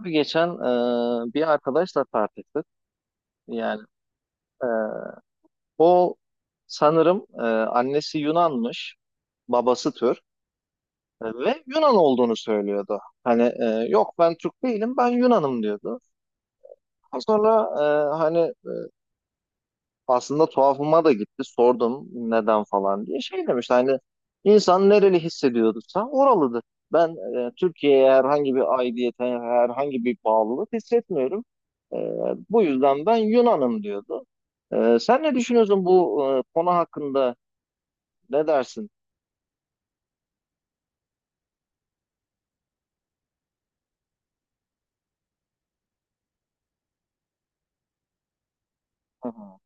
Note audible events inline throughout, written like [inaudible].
Abi, geçen bir arkadaşla tartıştık. Yani e, o sanırım annesi Yunanmış, babası Türk. Ve Yunan olduğunu söylüyordu. Hani yok ben Türk değilim, ben Yunanım diyordu. Sonra hani aslında tuhafıma da gitti. Sordum neden falan diye. Şey demiş hani insan nereli hissediyorsa oralıdır. Ben Türkiye'ye herhangi bir aidiyete, herhangi bir bağlılık hissetmiyorum. E, Bu yüzden ben Yunan'ım diyordu. Sen ne düşünüyorsun bu konu hakkında? Ne dersin? [laughs] Hı hı.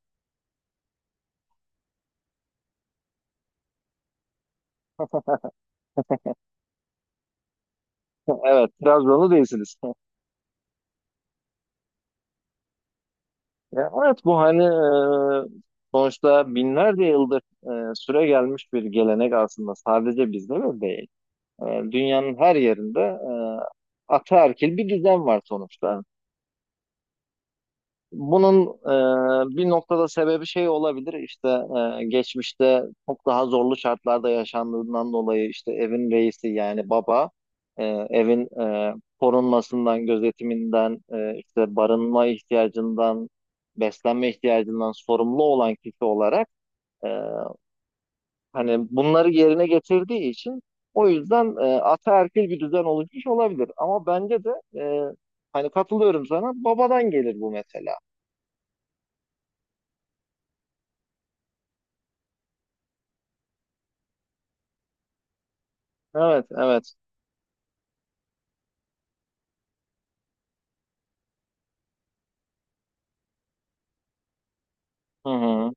Evet, Trabzonlu değilsiniz. [laughs] Ya, evet bu hani sonuçta binlerce yıldır süre gelmiş bir gelenek, aslında sadece bizde de değil. E, Dünyanın her yerinde ataerkil bir düzen var sonuçta. Bunun bir noktada sebebi şey olabilir, işte geçmişte çok daha zorlu şartlarda yaşandığından dolayı işte evin reisi yani baba, e, evin korunmasından, gözetiminden, işte barınma ihtiyacından, beslenme ihtiyacından sorumlu olan kişi olarak, e, Hani bunları yerine getirdiği için, o yüzden ataerkil bir düzen oluşmuş olabilir. Ama bence de e, hani katılıyorum sana, babadan gelir bu mesela. Evet, evet. Hı hı.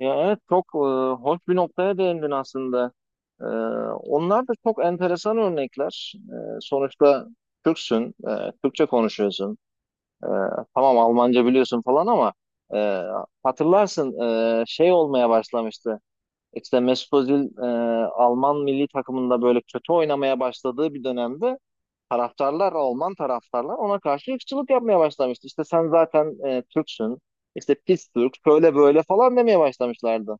Ya evet, çok hoş bir noktaya değindin aslında. E, Onlar da çok enteresan örnekler. Sonuçta Türksün, Türkçe konuşuyorsun. E, tamam, Almanca biliyorsun falan ama e, hatırlarsın, şey olmaya başlamıştı. İşte Mesut Özil Alman milli takımında böyle kötü oynamaya başladığı bir dönemde taraftarlar, Alman taraftarlar ona karşı ırkçılık yapmaya başlamıştı. İşte sen zaten Türksün, işte pis Türk, şöyle böyle falan demeye başlamışlardı.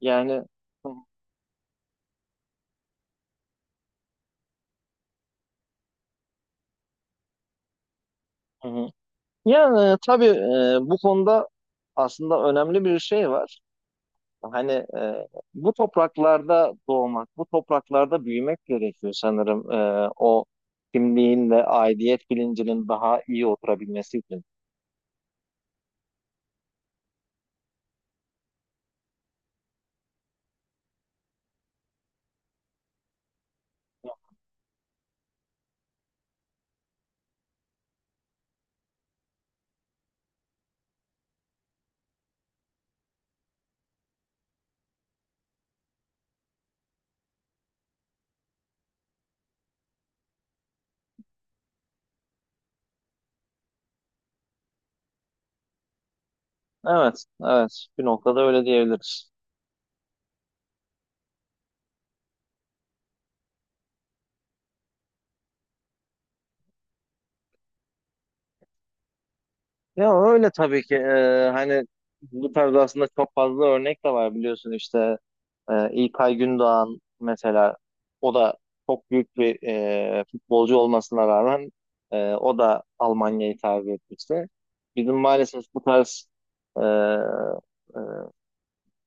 Yani. Hı hı. Yani tabii bu konuda aslında önemli bir şey var. Hani bu topraklarda doğmak, bu topraklarda büyümek gerekiyor sanırım, o kimliğin ve aidiyet bilincinin daha iyi oturabilmesi için. Evet, evet. Bir noktada öyle diyebiliriz. Ya öyle tabii ki. Hani bu tarz aslında çok fazla örnek de var, biliyorsun işte İlkay Gündoğan mesela, o da çok büyük bir futbolcu olmasına rağmen o da Almanya'yı tercih etmişti. Bizim maalesef bu tarz e, e,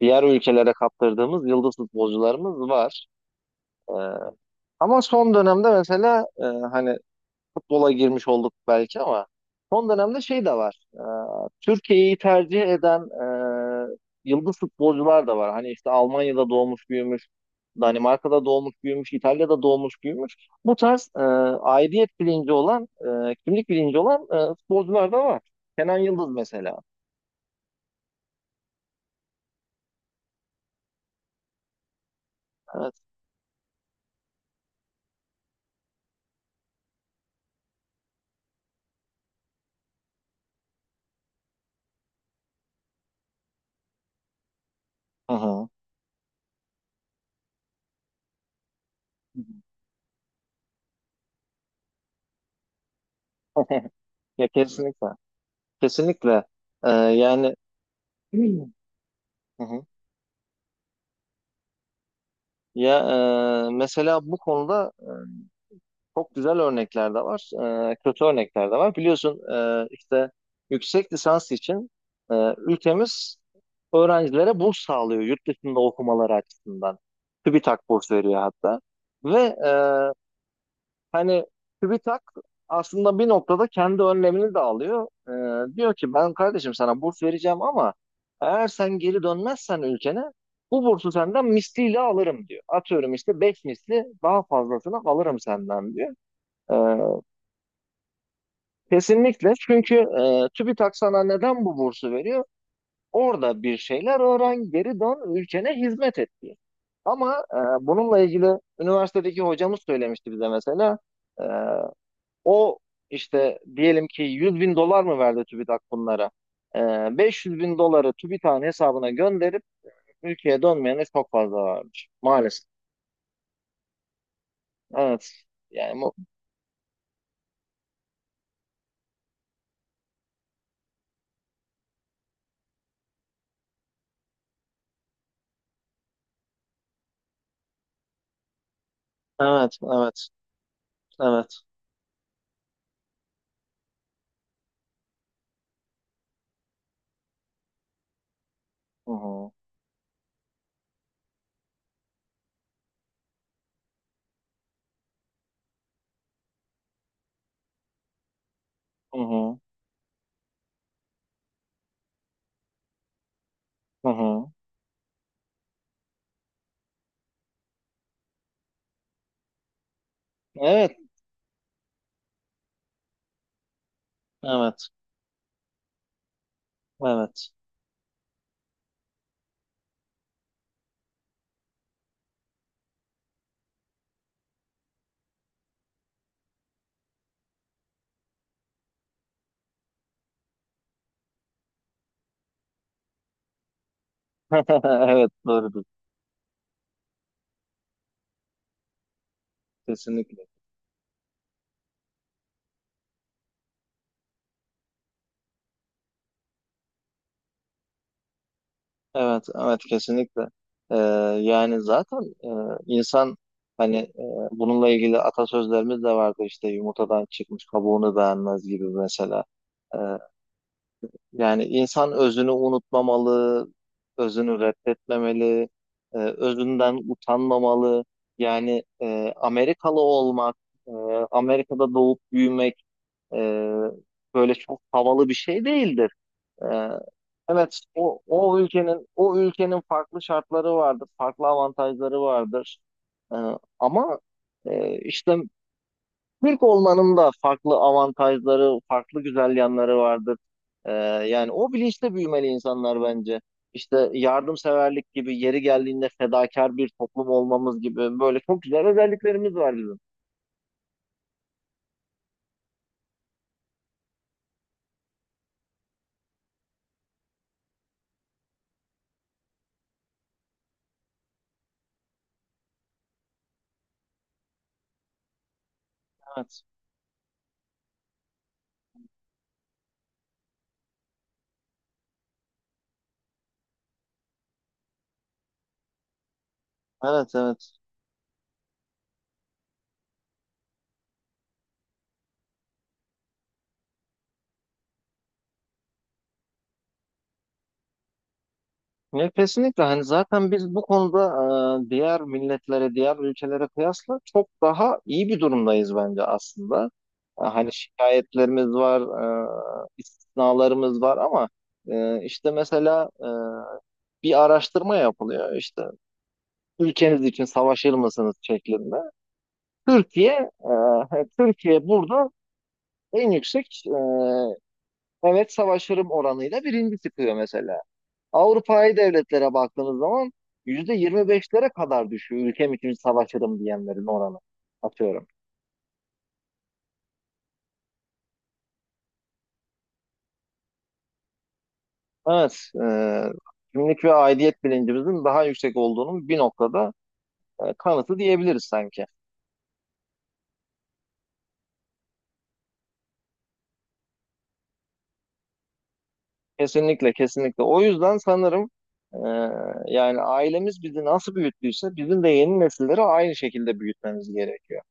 diğer ülkelere kaptırdığımız yıldız futbolcularımız var. E, Ama son dönemde mesela, hani futbola girmiş olduk belki ama son dönemde şey de var. Türkiye'yi tercih eden yıldız futbolcular da var. Hani işte Almanya'da doğmuş büyümüş, Danimarka'da doğmuş büyümüş, İtalya'da doğmuş büyümüş. Bu tarz aidiyet bilinci olan, kimlik bilinci olan futbolcular da var. Kenan Yıldız mesela. Evet. Hı hı. [laughs] Ya, kesinlikle. Kesinlikle. Yani. [clears throat] Hı hı. Ya mesela bu konuda çok güzel örnekler de var, kötü örnekler de var. Biliyorsun işte yüksek lisans için ülkemiz öğrencilere burs sağlıyor yurt dışında okumaları açısından. TÜBİTAK burs veriyor hatta. Ve e, hani TÜBİTAK aslında bir noktada kendi önlemini de alıyor. Diyor ki ben kardeşim sana burs vereceğim ama eğer sen geri dönmezsen ülkene bu bursu senden misliyle alırım diyor. Atıyorum işte 5 misli daha fazlasını alırım senden diyor. E, Kesinlikle. Çünkü TÜBİTAK sana neden bu bursu veriyor? Orada bir şeyler öğren, geri dön, ülkene hizmet et diye. Ama bununla ilgili üniversitedeki hocamız söylemişti bize mesela. E, O işte diyelim ki 100 bin dolar mı verdi TÜBİTAK bunlara? E, 500 bin doları TÜBİTAK'ın hesabına gönderip ülkeye dönmeyene çok fazla varmış. Maalesef. Evet. Yani bu... Evet, evet, evet. Hı hı, hı hı, hı hı. Evet, evet, evet. [laughs] Evet, doğrudur. Kesinlikle. Evet, evet, kesinlikle. Ee, Yani zaten e, insan, hani bununla ilgili atasözlerimiz de vardı işte, yumurtadan çıkmış kabuğunu beğenmez gibi mesela. Ee, Yani insan özünü unutmamalı, özünü reddetmemeli, özünden utanmamalı. Yani Amerikalı olmak, e, Amerika'da doğup büyümek e, böyle çok havalı bir şey değildir. Ee, evet, o, o ülkenin o ülkenin farklı şartları vardır, farklı avantajları vardır. Ee, Ama işte Türk olmanın da farklı avantajları, farklı güzel yanları vardır. Ee, Yani o bilinçte büyümeli insanlar bence. İşte yardımseverlik gibi, yeri geldiğinde fedakar bir toplum olmamız gibi böyle çok güzel özelliklerimiz var bizim. Evet, evet, evet. Ya kesinlikle, hani zaten biz bu konuda diğer milletlere, diğer ülkelere kıyasla çok daha iyi bir durumdayız bence aslında. Hani şikayetlerimiz var, istisnalarımız var ama işte mesela bir araştırma yapılıyor işte, ülkeniz için savaşır mısınız şeklinde. Türkiye, [laughs] Türkiye burada en yüksek, evet savaşırım oranıyla birinci çıkıyor mesela. Avrupa'yı devletlere baktığımız zaman %25'lere kadar düşüyor ülkem için savaşırım diyenlerin oranı, atıyorum. Evet, kimlik ve aidiyet bilincimizin daha yüksek olduğunun bir noktada kanıtı diyebiliriz sanki. Kesinlikle, kesinlikle. O yüzden sanırım e, yani ailemiz bizi nasıl büyüttüyse bizim de yeni nesilleri aynı şekilde büyütmemiz gerekiyor.